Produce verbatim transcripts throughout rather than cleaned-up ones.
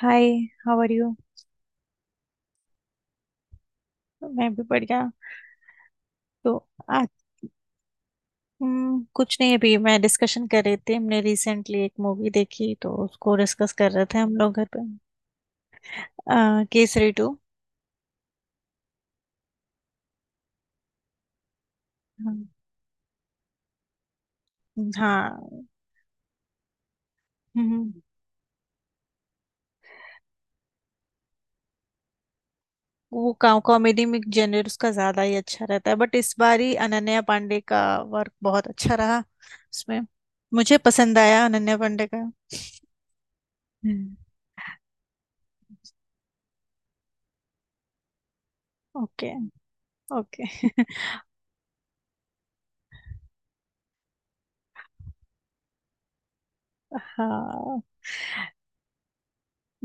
Hi. How are you? मैं भी बढ़िया। तो आज हम्म, कुछ नहीं, अभी मैं डिस्कशन कर रही थी। हमने रिसेंटली एक मूवी देखी तो उसको डिस्कस कर रहे थे हम लोग घर पे। आ, केसरी टू। हाँ। हम्म, वो कॉमेडी में जेनर उसका ज्यादा ही अच्छा रहता है, बट इस बार ही अनन्या पांडे का वर्क बहुत अच्छा रहा उसमें। मुझे पसंद आया अनन्या पांडे का। हम्म। ओके। ओके। हाँ।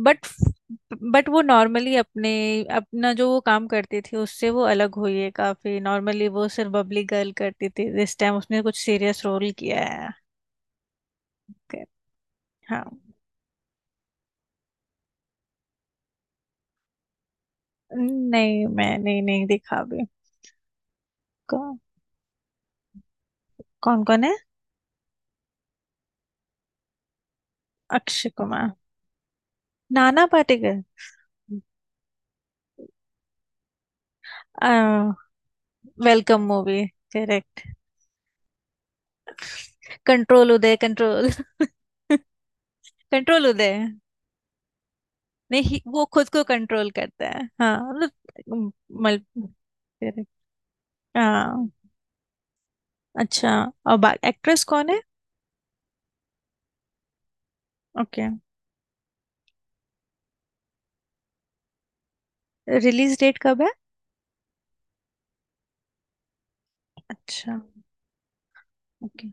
बट बट वो नॉर्मली अपने अपना जो वो काम करती थी उससे वो अलग हुई है। काफी नॉर्मली वो सिर्फ बबली गर्ल करती थी, दिस टाइम उसने कुछ सीरियस रोल किया है। Okay। हाँ। नहीं, मैं नहीं नहीं दिखा भी। कौन? कौन कौन है? Akshay Kumar. Nana Patekar. Welcome movie. Correct. Control Uday control. Control Uday. नहीं, वो खुद को कंट्रोल करता है, हाँ, मतलब मल- correct। हाँ। अच्छा। अब एक्ट्रेस कौन है? ओके। रिलीज डेट कब है? अच्छा। ओके।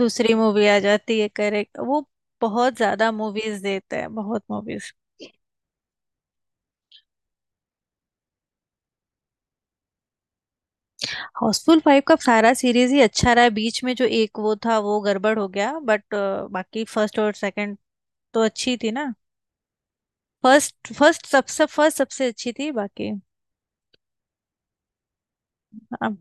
दूसरी मूवी आ जाती है, करेक्ट, वो बहुत ज्यादा मूवीज देते हैं, बहुत मूवीज। हाउसफुल फाइव का सारा सीरीज ही अच्छा रहा है, बीच में जो एक वो था वो गड़बड़ हो गया, बट बाकी फर्स्ट और सेकंड तो अच्छी थी ना। फर्स्ट फर्स्ट सबसे फर्स्ट सबसे अच्छी थी बाकी। अब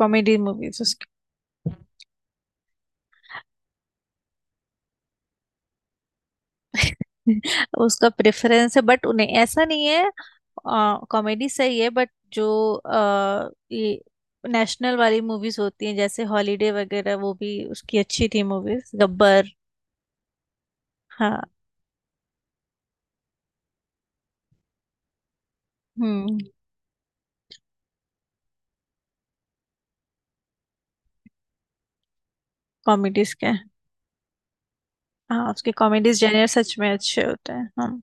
कॉमेडी मूवीज उसकी। उसका प्रेफरेंस है, बट उन्हें ऐसा नहीं है। कॉमेडी सही है, बट जो आ, ये नेशनल वाली मूवीज होती हैं जैसे हॉलीडे वगैरह, वो भी उसकी अच्छी थी मूवीज, गब्बर। हाँ। हम्म कॉमेडीज के हाँ, उसके कॉमेडीज जेनर सच में अच्छे होते हैं। हाँ।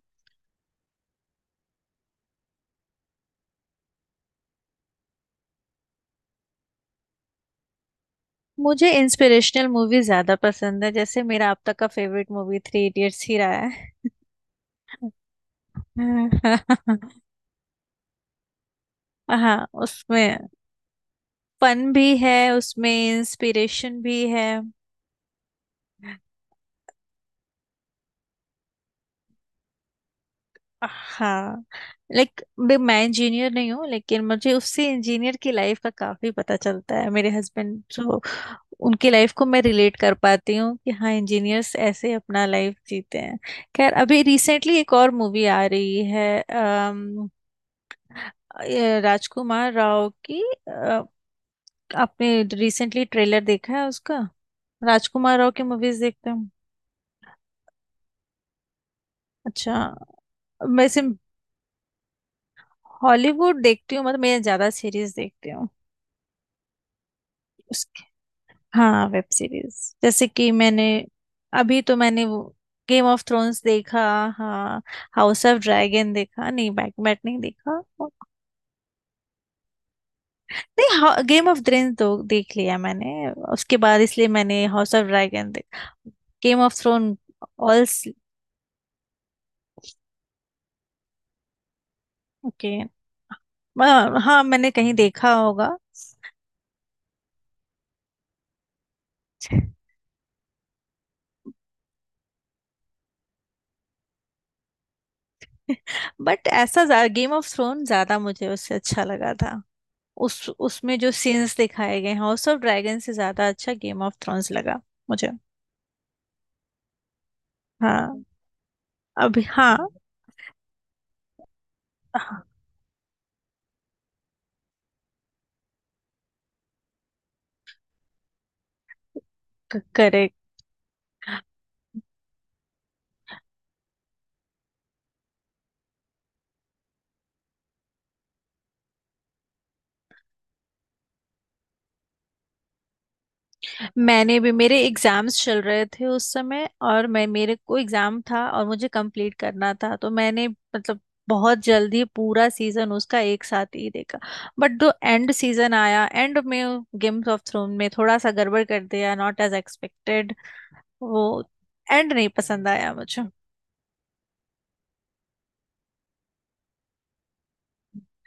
मुझे इंस्पिरेशनल मूवी ज्यादा पसंद है जैसे मेरा अब तक का फेवरेट मूवी थ्री इडियट्स ही रहा है। हाँ, उसमें फन भी है, उसमें इंस्पिरेशन भी है। हाँ। लाइक, मैं इंजीनियर नहीं हूँ लेकिन मुझे उससे इंजीनियर की लाइफ का काफी पता चलता है, मेरे हस्बैंड जो, उनकी लाइफ को मैं रिलेट कर पाती हूँ कि हाँ, इंजीनियर्स ऐसे अपना लाइफ जीते हैं। खैर, अभी रिसेंटली एक और मूवी आ रही है, अम, ये राजकुमार राव की। अ, आपने रिसेंटली ट्रेलर देखा है उसका? राजकुमार राव की मूवीज देखते हैं? अच्छा। वैसे हॉलीवुड देखती हूँ, मतलब मैं ज्यादा सीरीज देखती हूँ। हाँ, वेब सीरीज। जैसे कि मैंने, अभी तो मैंने वो गेम ऑफ थ्रोन्स देखा। हाँ। हाउस ऑफ ड्रैगन देखा नहीं, बैकमैट नहीं देखा, और- नहीं, गेम ऑफ थ्रोन्स तो देख लिया मैंने, उसके बाद इसलिए मैंने हाउस ऑफ ड्रैगन देखा। Game of Throne. All. Okay. हाँ, हाँ, मैंने कहीं देखा होगा। बट ऐसा, गेम ऑफ थ्रोन ज्यादा मुझे उससे अच्छा लगा था। उस उसमें जो सीन्स दिखाए गए हाउस ऑफ ड्रैगन से ज्यादा अच्छा गेम ऑफ थ्रोन्स लगा मुझे। हाँ। अभी हाँ। करेक्ट। मैंने भी, मेरे एग्जाम्स चल रहे थे उस समय, और मैं, मेरे को एग्जाम था और मुझे कंप्लीट करना था तो मैंने मतलब बहुत जल्दी पूरा सीजन उसका एक साथ ही देखा। बट जो एंड सीजन आया, एंड में गेम्स ऑफ थ्रोन में थोड़ा सा गड़बड़ कर दिया, नॉट एज एक्सपेक्टेड। वो एंड नहीं पसंद आया मुझे।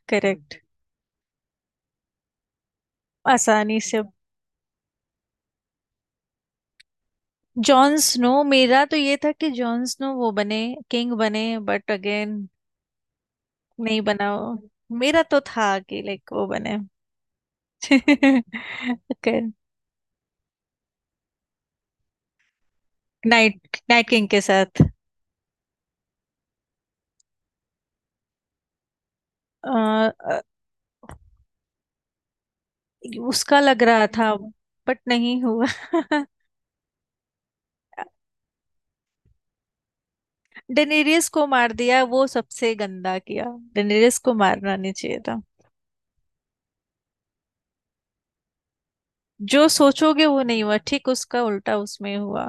करेक्ट। आसानी से। जॉन स्नो, मेरा तो ये था कि जॉन स्नो वो बने, किंग बने, बट अगेन। नहीं बनाओ। मेरा तो था कि लाइक वो बने। ओके। नाइट नाइट किंग के साथ। अ, अ, उसका लग रहा था, बट नहीं हुआ। डेनेरियस को मार दिया, वो सबसे गंदा किया। डेनेरियस को मारना नहीं चाहिए था। जो सोचोगे वो नहीं हुआ, ठीक उसका उल्टा उसमें हुआ।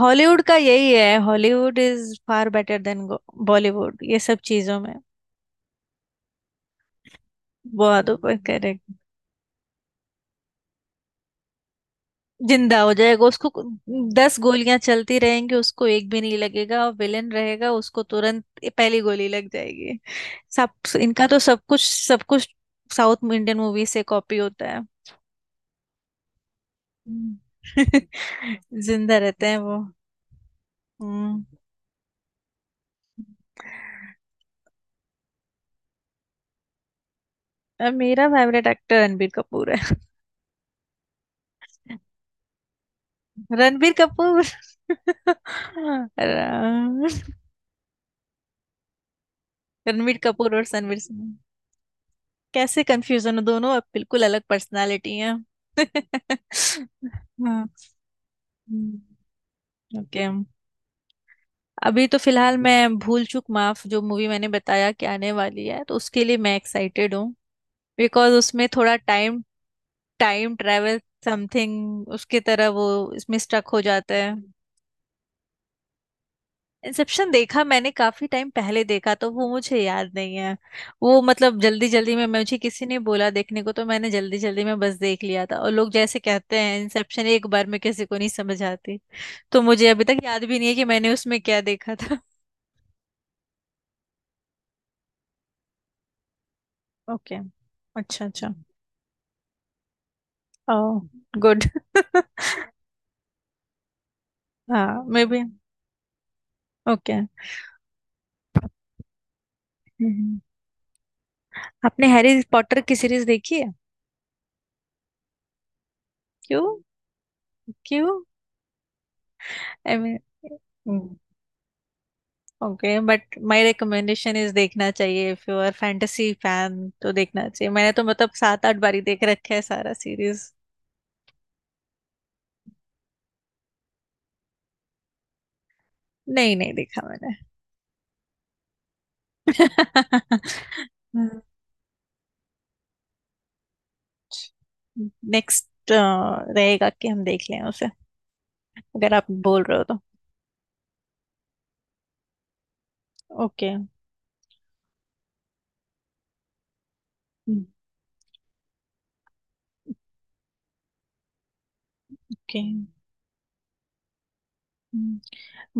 हॉलीवुड का यही है, Hollywood is far better than Bollywood ये सब चीजों में। बहुत ऊपर। जिंदा हो जाएगा उसको। दस गोलियां चलती रहेंगी, उसको एक भी नहीं लगेगा, और विलेन रहेगा, उसको तुरंत पहली गोली लग जाएगी, सब। इनका तो सब कुछ, सब कुछ साउथ इंडियन मूवी से कॉपी होता है। हम्म। जिंदा रहते हैं वो। हम्म। अ, मेरा फेवरेट एक्टर रणबीर कपूर है। रणबीर कपूर। रणबीर कपूर और रणवीर सिंह। कैसे कंफ्यूजन हो? दोनों अब बिल्कुल अलग पर्सनालिटी हैं। हाँ। ओके। अभी तो फिलहाल मैं भूल चूक माफ, जो मूवी मैंने बताया कि आने वाली है तो उसके लिए मैं एक्साइटेड हूँ, बिकॉज उसमें थोड़ा टाइम टाइम ट्रैवल समथिंग उसकी तरह, वो इसमें स्टक हो जाता है। इंसेप्शन देखा मैंने, काफी टाइम पहले देखा तो वो मुझे याद नहीं है। वो मतलब जल्दी जल्दी में मुझे किसी ने बोला देखने को, तो मैंने जल्दी जल्दी में बस देख लिया था, और लोग जैसे कहते हैं इंसेप्शन एक बार में किसी को नहीं समझ आती। तो मुझे अभी तक याद भी नहीं है कि मैंने उसमें क्या देखा था। ओके। अच्छा, अच्छा। ओह। गुड। हाँ, मे बी। ओके। आपने हैरी पॉटर की सीरीज देखी है? क्यों? क्यों? I mean, okay, but my recommendation is, देखना चाहिए। If you are fantasy fan तो देखना चाहिए, मैंने तो मतलब सात आठ बारी देख रखे है सारा सीरीज। नहीं, नहीं देखा मैंने। नेक्स्ट रहेगा कि हम देख लें उसे, अगर आप बोल रहे हो तो। ओके। ओके।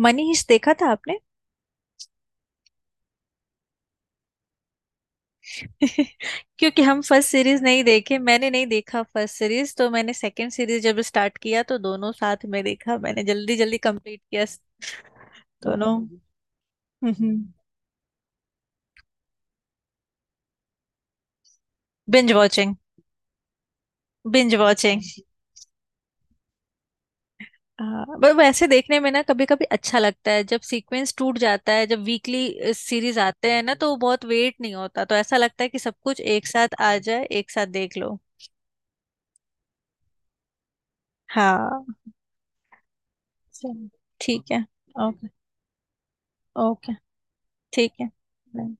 मनीष देखा था आपने? क्योंकि हम फर्स्ट सीरीज नहीं देखे, मैंने नहीं देखा फर्स्ट सीरीज, तो मैंने सेकंड सीरीज जब स्टार्ट किया तो दोनों साथ में देखा, मैंने जल्दी जल्दी कंप्लीट किया। दोनों। Binge watching. Binge watching. पर वैसे देखने में ना कभी कभी अच्छा लगता है जब सीक्वेंस टूट जाता है, जब वीकली सीरीज आते हैं ना तो वो बहुत वेट नहीं होता, तो ऐसा लगता है कि सब कुछ एक साथ आ जाए, एक साथ देख लो। हाँ। चलो, ठीक है। ओके। ओके। ठीक है। Bye।